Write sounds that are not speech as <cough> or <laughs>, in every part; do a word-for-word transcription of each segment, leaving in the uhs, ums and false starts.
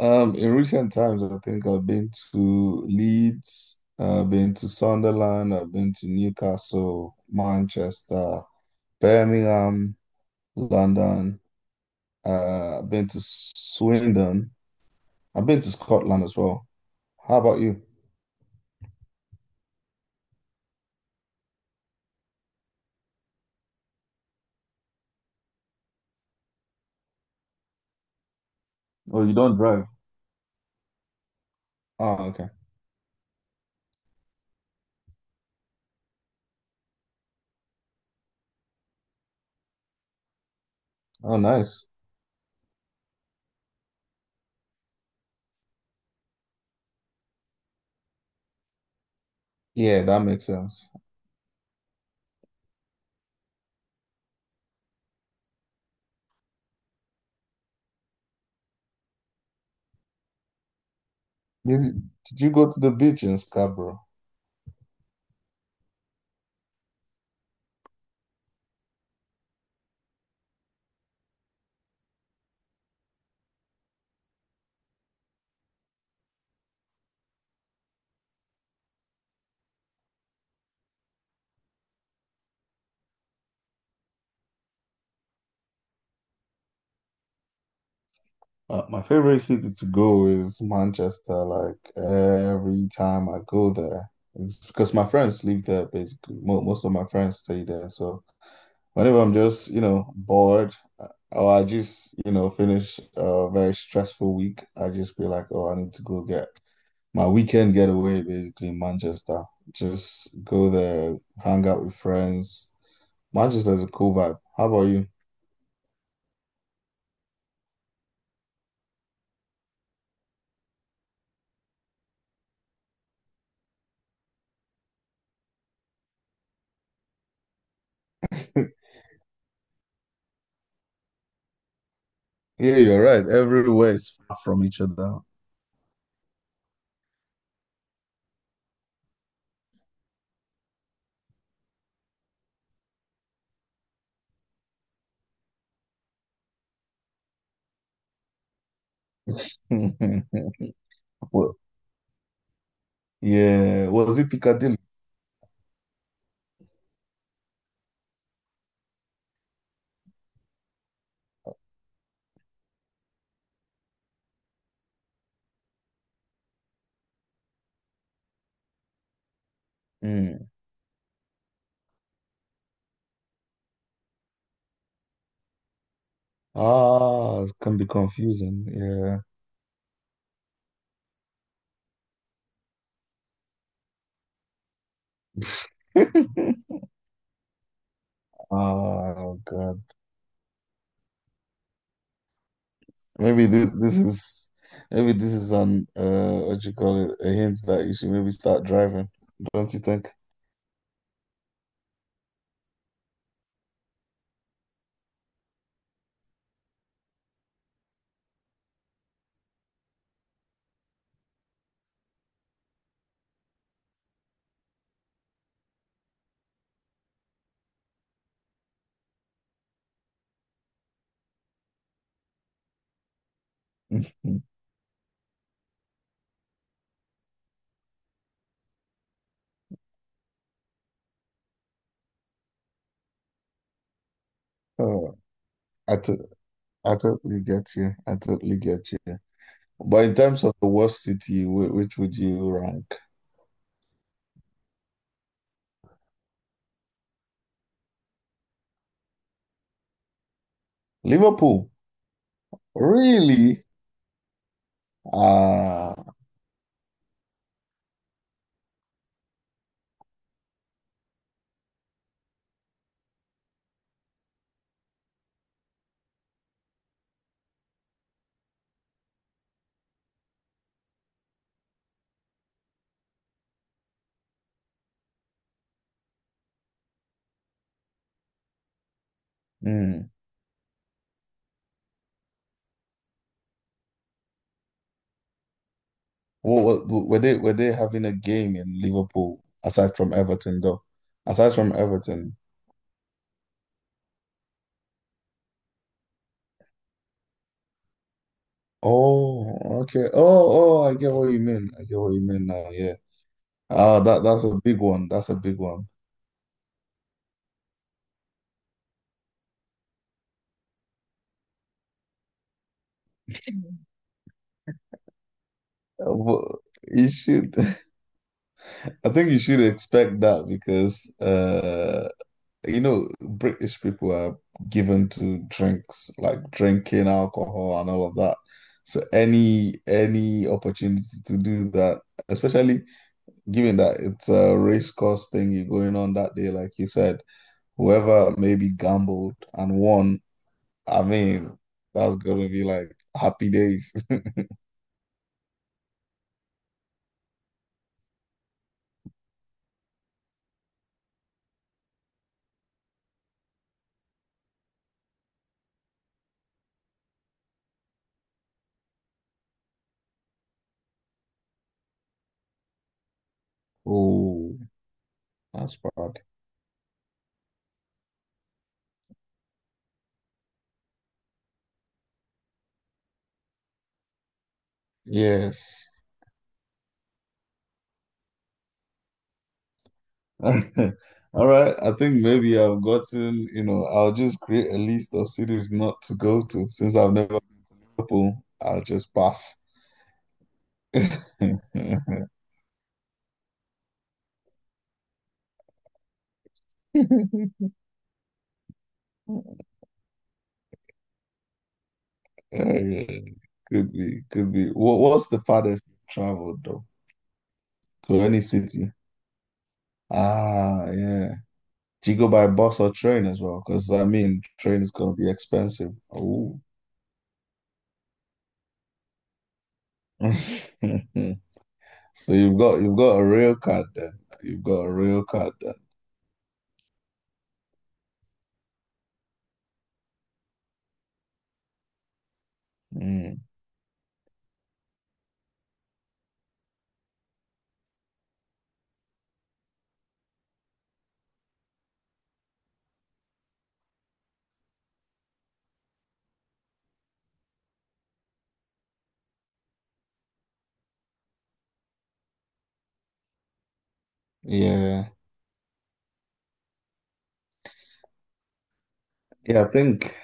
Um, in recent times, I think I've been to Leeds, I've been to Sunderland, I've been to Newcastle, Manchester, Birmingham, London. Uh, I've been to Swindon. I've been to Scotland as well. How about you? Oh, you don't drive? Oh, okay. Oh, nice. Yeah, that makes sense. Did, did you go to the beach in Scarborough? Uh, my favorite city to go is Manchester. Like every time I go there, it's because my friends live there basically. Mo Most of my friends stay there. So whenever I'm just, you know, bored uh, or I just, you know, finish a very stressful week, I just be like, oh, I need to go get my weekend getaway basically in Manchester. Just go there, hang out with friends. Manchester is a cool vibe. How about you? Yeah, you're right. Everywhere is far from each other. <laughs> Well, yeah. Was it Piccadilly? Mm. Ah, it can be confusing. Yeah. <laughs> Oh God. Maybe this, this is maybe this is an uh what you call it a hint that you should maybe start driving. Don't you think? Mhm. Oh, I to- I totally get you. I totally get you. But in terms of the worst city, whi- which would you rank? Liverpool, really? Ah, mm. What, what were they were they having a game in Liverpool aside from Everton though? Aside from Everton. Oh, okay. Oh, oh, I get what you mean. I get what you mean now. Yeah. Ah, that that's a big one. That's a big one. Uh, but you should. I think you should expect that because uh you know British people are given to drinks like drinking alcohol and all of that. So any any opportunity to do that, especially given that it's a race course thing going on that day, like you said, whoever maybe gambled and won, I mean, that's gonna be like happy days. <laughs> Oh, that's bad. Yes. <laughs> All right. I think maybe I've gotten, you know, I'll just create a list of cities not to go to since I've never been to Liverpool. I'll just pass. <laughs> Yeah, yeah. Could be, could be. What, what's the farthest you traveled though to any city? Ah, yeah. Do you go by bus or train as well? Because I mean, train is gonna be expensive. Oh, <laughs> so you've got you've got a rail card then. You've got a rail card then. Mm, yeah. Yeah, I think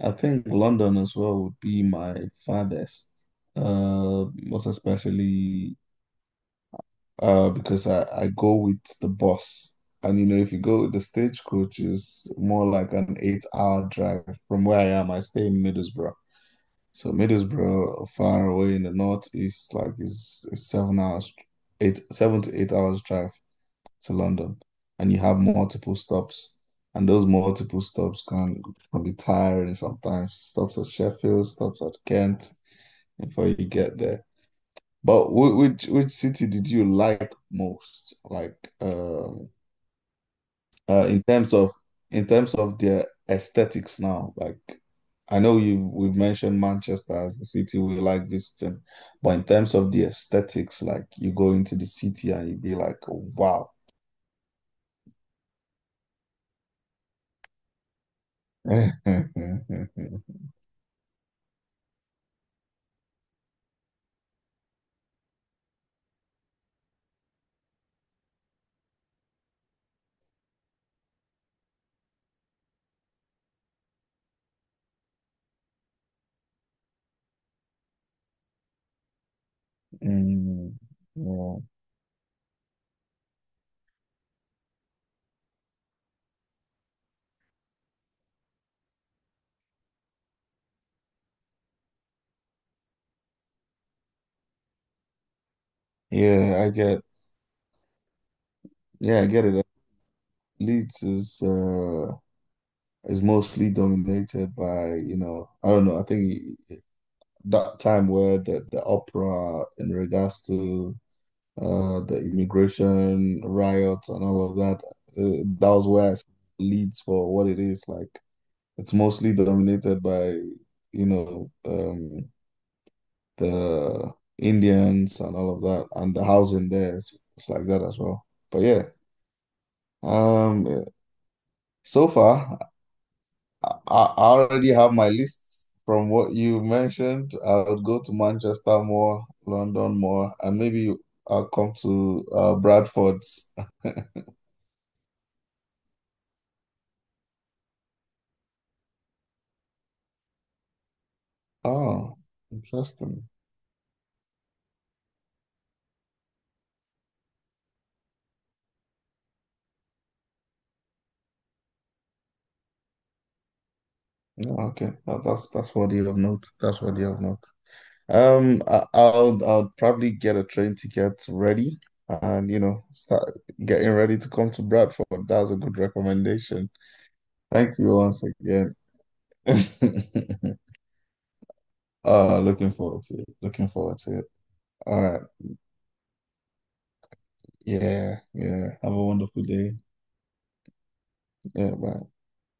I think London as well would be my farthest. Uh, most especially uh because I I go with the bus, and you know if you go with the stagecoach is more like an eight hour drive from where I am. I stay in Middlesbrough, so Middlesbrough far away in the northeast, like is a seven hours, eight seven to eight hours drive to London and you have multiple stops and those multiple stops can can be tiring sometimes. Stops at Sheffield, stops at Kent before you get there. But which which city did you like most? Like um uh in terms of in terms of their aesthetics now, like I know you we've mentioned Manchester as the city we like visiting, but in terms of the aesthetics, like you go into the city and you be like, wow. <laughs> Mm, yeah. Yeah, I get yeah, I get it. Leeds is uh is mostly dominated by, you know, I don't know, I think that time where the, the opera in regards to uh the immigration riots and all of that, uh, that was where I saw Leeds for what it is. Like it's mostly dominated by, you know, um the Indians and all of that and the housing there is it's like that as well. But yeah. Um, so far, I, I already have my list from what you mentioned. I would go to Manchester more, London more, and maybe I'll come to uh, Bradford. <laughs> Oh, interesting. Yeah, okay. That, that's that's what you have note. That's what you have note. Um, I, I'll I'll probably get a train ticket ready, and you know, start getting ready to come to Bradford. That's a good recommendation. Thank you once again. <laughs> Uh, looking forward to it. Looking forward to it. All right. Yeah. Yeah. Have a wonderful day. Yeah. Bye.